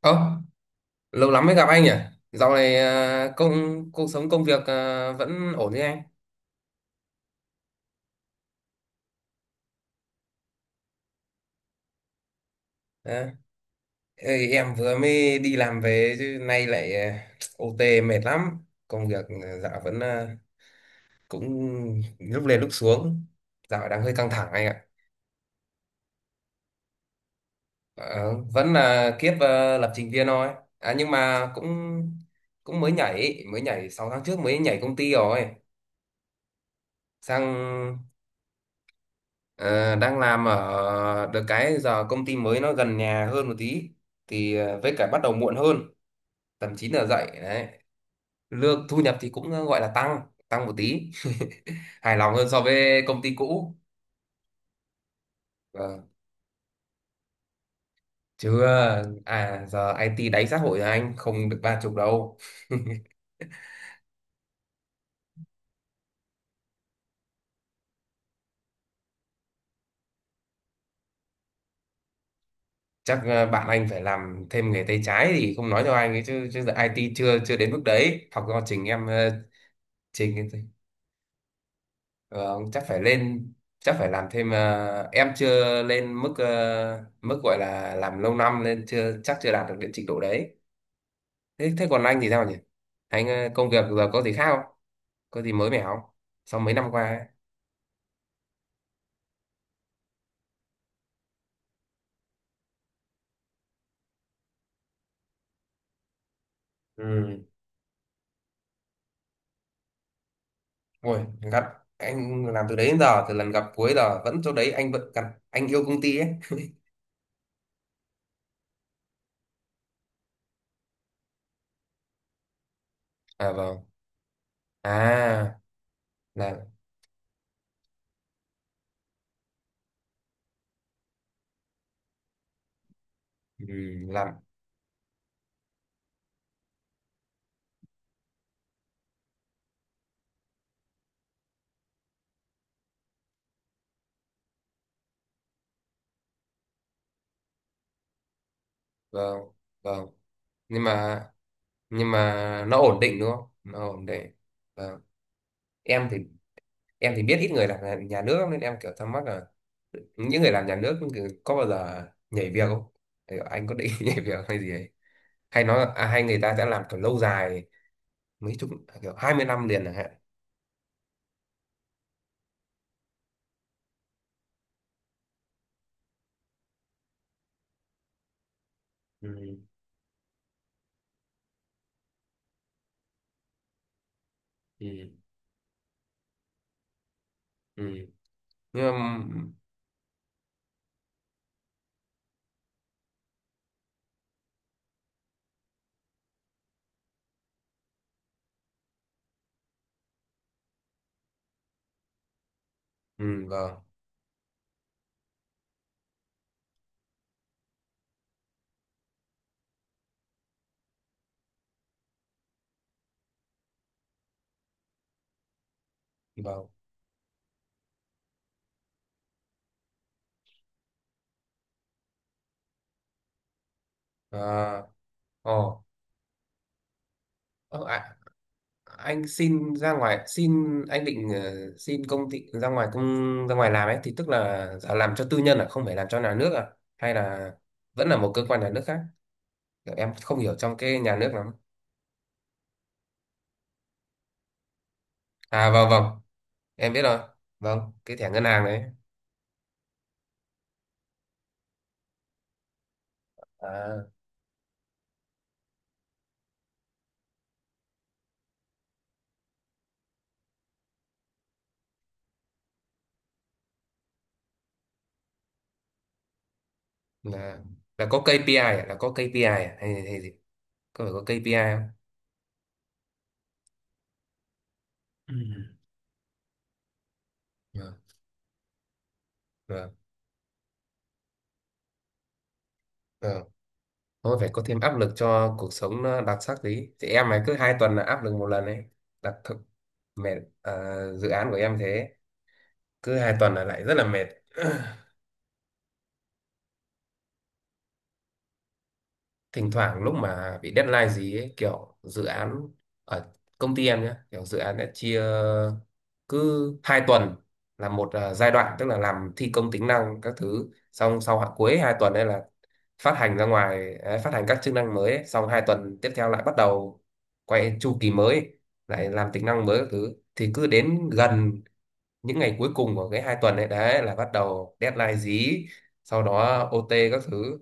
Ơ, lâu lắm mới gặp anh nhỉ? Dạo này cuộc sống công việc vẫn ổn chứ anh? À, ê, em vừa mới đi làm về chứ nay lại OT mệt lắm. Công việc dạo vẫn cũng lúc lên lúc xuống. Dạo đang hơi căng thẳng anh ạ. Ờ, vẫn là kiếp lập trình viên thôi. À, nhưng mà cũng cũng mới nhảy 6 tháng trước mới nhảy công ty rồi. Sang Ờ, đang làm ở được cái giờ công ty mới nó gần nhà hơn một tí, thì với cả bắt đầu muộn hơn, tầm 9 giờ dậy đấy. Lương thu nhập thì cũng gọi là tăng tăng một tí, hài lòng hơn so với công ty cũ. Vâng. Chứ giờ IT đáy xã hội rồi, anh không được ba chục đâu. Chắc bạn anh phải làm thêm nghề tay trái, thì không nói cho anh ấy chứ chứ giờ IT chưa chưa đến mức đấy, học do trình em trình Ờ, chắc phải lên, chắc phải làm thêm. Ờ, em chưa lên mức mức gọi là làm lâu năm, nên chưa chắc chưa đạt được đến trình độ đấy. Thế thế còn anh thì sao nhỉ, anh công việc giờ có gì khác không, có gì mới mẻ không, sau mấy năm qua ấy? Ừ. Ôi, gặp anh làm từ đấy đến giờ, từ lần gặp cuối giờ vẫn chỗ đấy, anh vẫn gặp. Anh yêu công ty ấy. À, vâng. À. là ừ, làm vâng, vâng. Nhưng mà nhưng mà nó ổn định đúng không, nó ổn định. Vâng. Em thì em thì biết ít người làm nhà nhà nước lắm, nên em kiểu thắc mắc là những người làm nhà nước kiểu có bao giờ nhảy việc không? Kiểu anh có định nhảy việc hay gì ấy, hay à, hay người ta sẽ làm kiểu lâu dài, mấy chục à, kiểu 20 năm liền chẳng hạn? Ừ. Ừ. Ừ. Nhưng mà, ừ, vâng, vâng. À, ồ. Ơ, à, anh xin ra ngoài xin anh định xin công ty ra ngoài, ra ngoài làm ấy, thì tức là giờ làm cho tư nhân à, không phải làm cho nhà nước à? Hay là vẫn là một cơ quan nhà nước khác? Kiểu em không hiểu trong cái nhà nước lắm. À, vâng, vâng, em biết rồi, vâng, cái thẻ ngân hàng đấy. À, là là có KPI à? Là có KPI à? Hay hay gì, có phải có KPI không? Ừ. Vâng, vâng, vâng. Thôi phải có thêm áp lực cho cuộc sống nó đặc sắc tí. Thì em này cứ 2 tuần là áp lực một lần ấy. Đặc thực mệt. À, dự án của em thế, cứ 2 tuần là lại rất là mệt. Thỉnh thoảng lúc mà bị deadline gì ấy, kiểu dự án ở công ty em nhé, kiểu dự án đã chia cứ 2 tuần là một giai đoạn, tức là làm thi công tính năng các thứ xong, sau hạ cuối 2 tuần đây là phát hành ra ngoài ấy, phát hành các chức năng mới ấy. Xong 2 tuần tiếp theo lại bắt đầu quay chu kỳ mới, lại làm tính năng mới các thứ, thì cứ đến gần những ngày cuối cùng của cái 2 tuần ấy đấy là bắt đầu deadline dí, sau đó OT các thứ.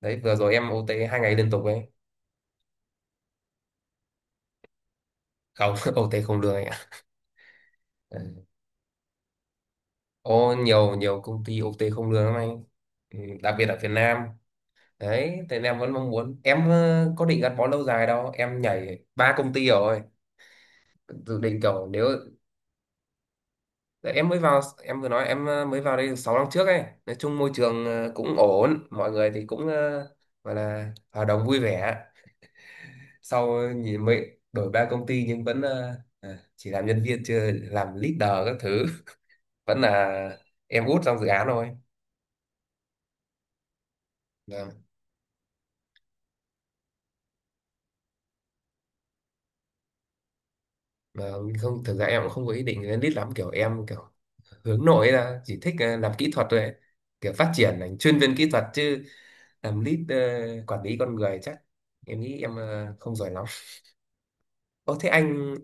Đấy, vừa rồi em OT 2 ngày liên tục ấy. Không, OT không lương anh ạ. Ừ. Có nhiều nhiều công ty OT không lương lắm anh. Ừ, đặc biệt ở Việt Nam. Đấy thì em vẫn mong muốn, em có định gắn bó lâu dài đâu, em nhảy ba công ty rồi. Dự định kiểu, nếu… Tại em mới vào, em vừa nói em mới vào đây 6 năm trước ấy, nói chung môi trường cũng ổn, mọi người thì cũng gọi là hòa đồng vui vẻ. Sau nhìn mới đổi ba công ty nhưng vẫn chỉ làm nhân viên, chưa làm leader các thứ. Vẫn là em út trong dự án thôi. Mà không, thực ra em cũng không có ý định lên lead lắm, kiểu em hướng nội ấy, là chỉ thích làm kỹ thuật thôi ấy. Kiểu phát triển thành chuyên viên kỹ thuật chứ, làm lead quản lý con người chắc em nghĩ em không giỏi lắm. Ô, thế anh…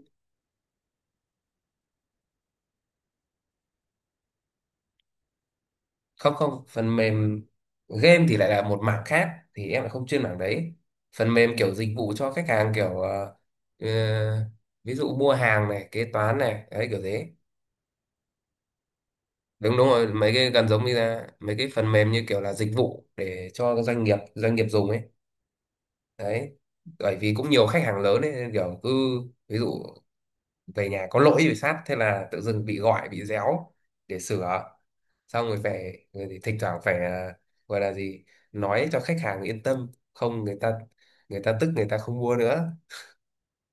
Không, không, phần mềm game thì lại là một mảng khác, thì em lại không chuyên mảng đấy. Phần mềm kiểu dịch vụ cho khách hàng, kiểu ờ, ví dụ mua hàng này, kế toán này, đấy kiểu thế. Đúng, đúng rồi, mấy cái gần giống như là mấy cái phần mềm như kiểu là dịch vụ để cho doanh nghiệp dùng ấy. Đấy bởi vì cũng nhiều khách hàng lớn ấy, nên kiểu cứ, ví dụ về nhà có lỗi bị sát, thế là tự dưng bị gọi, bị réo để sửa, xong rồi về rồi thì thỉnh thoảng phải à, gọi là gì, nói cho khách hàng yên tâm, không người ta, tức người ta không mua nữa,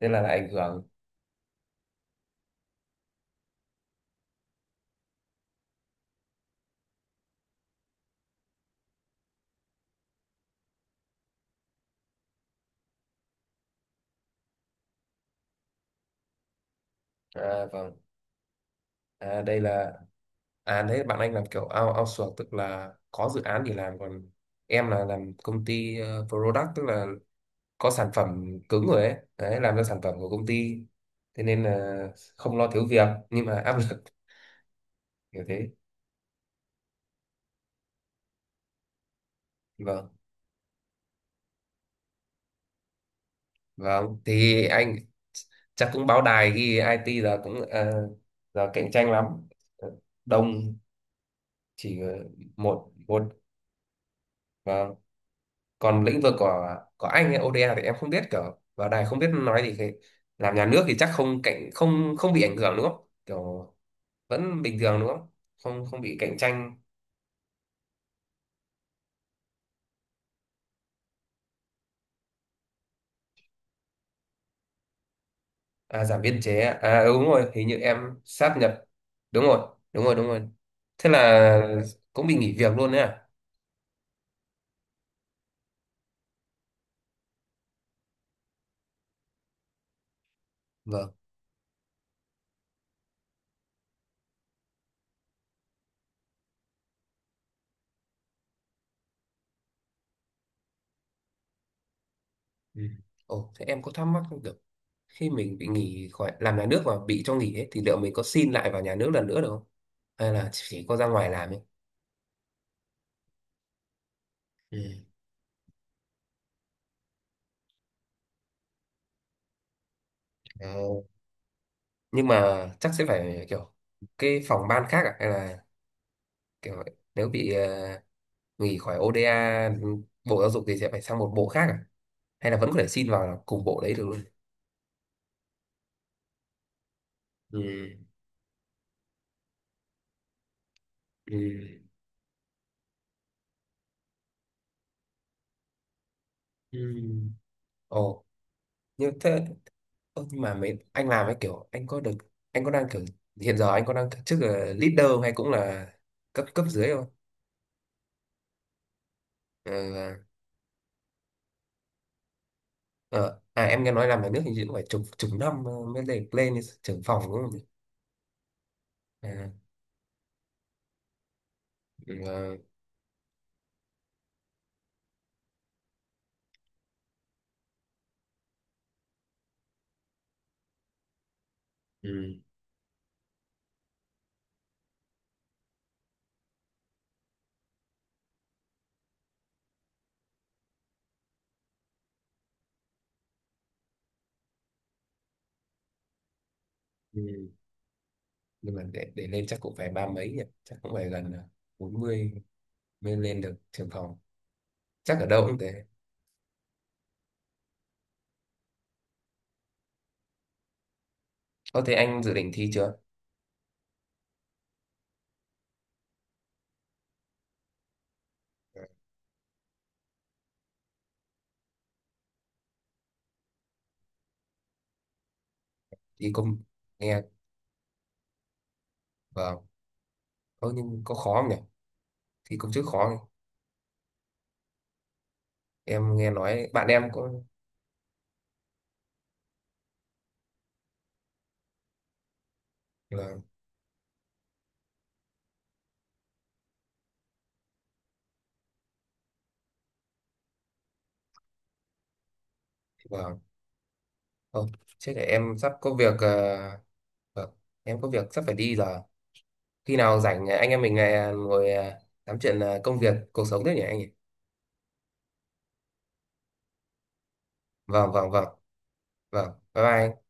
nên là ảnh hưởng. À, vâng. À, đây là… À đấy, bạn anh làm kiểu outsource, tức là có dự án thì làm, còn em là làm công ty product, tức là có sản phẩm cứng rồi ấy, đấy làm ra sản phẩm của công ty. Thế nên là không lo thiếu việc, nhưng mà áp lực kiểu thế. Vâng, vâng, thì anh… Chắc cũng báo đài ghi IT giờ cũng giờ cạnh tranh lắm. Ờ, đông. Chỉ một một, vâng. Còn lĩnh vực của anh ấy, ODA thì em không biết, kiểu báo đài không biết nói gì, thì làm nhà nước thì chắc không không không bị ảnh hưởng đúng không, kiểu vẫn bình thường đúng không, không, không bị cạnh tranh? À, giảm biên chế à, à ừ, đúng rồi, hình như em sáp nhập. Đúng rồi, đúng rồi, đúng rồi. Thế là cũng bị nghỉ việc luôn đấy à? Vâng, ừ. Ồ, thế em có thắc mắc không được, khi mình bị nghỉ khỏi làm nhà nước và bị cho nghỉ ấy, thì liệu mình có xin lại vào nhà nước lần nữa được không, hay là chỉ có ra ngoài làm ấy? Ừ. Ờ, nhưng mà chắc sẽ phải kiểu cái phòng ban khác à, hay là kiểu nếu bị nghỉ khỏi ODA bộ giáo dục thì sẽ phải sang một bộ khác à, hay là vẫn có thể xin vào cùng bộ đấy được luôn? Ừ. Ừ. Ừ. Ồ, như thế. Ơ, nhưng mà mấy anh làm ấy, kiểu anh có được anh có đang kiểu hiện giờ anh có đang kiểu chức là leader không, hay cũng là cấp cấp dưới không? Ờ, ờ, à, em nghe nói làm nhà nước hình như cũng phải chục chục năm mới lên lên trưởng phòng đúng không nhỉ? À, ừ, ờ, ừ, ừ. Nhưng mà để lên chắc cũng phải ba mấy nhỉ, chắc cũng phải gần 40 mới lên được trưởng phòng. Chắc ở đâu cũng thế. Ờ, thế anh dự định thi chưa? Ờ, Thi công nghe, vâng. Ờ, nhưng có khó không nhỉ? Thì công chức khó, em nghe nói bạn em cũng… là vâng. Không, chết để em sắp có việc vâng, em có việc sắp phải đi rồi. Khi nào rảnh anh em mình ngồi tám chuyện công việc cuộc sống thế nhỉ anh nhỉ. Vâng, vâng, vâng. Vâng, bye bye.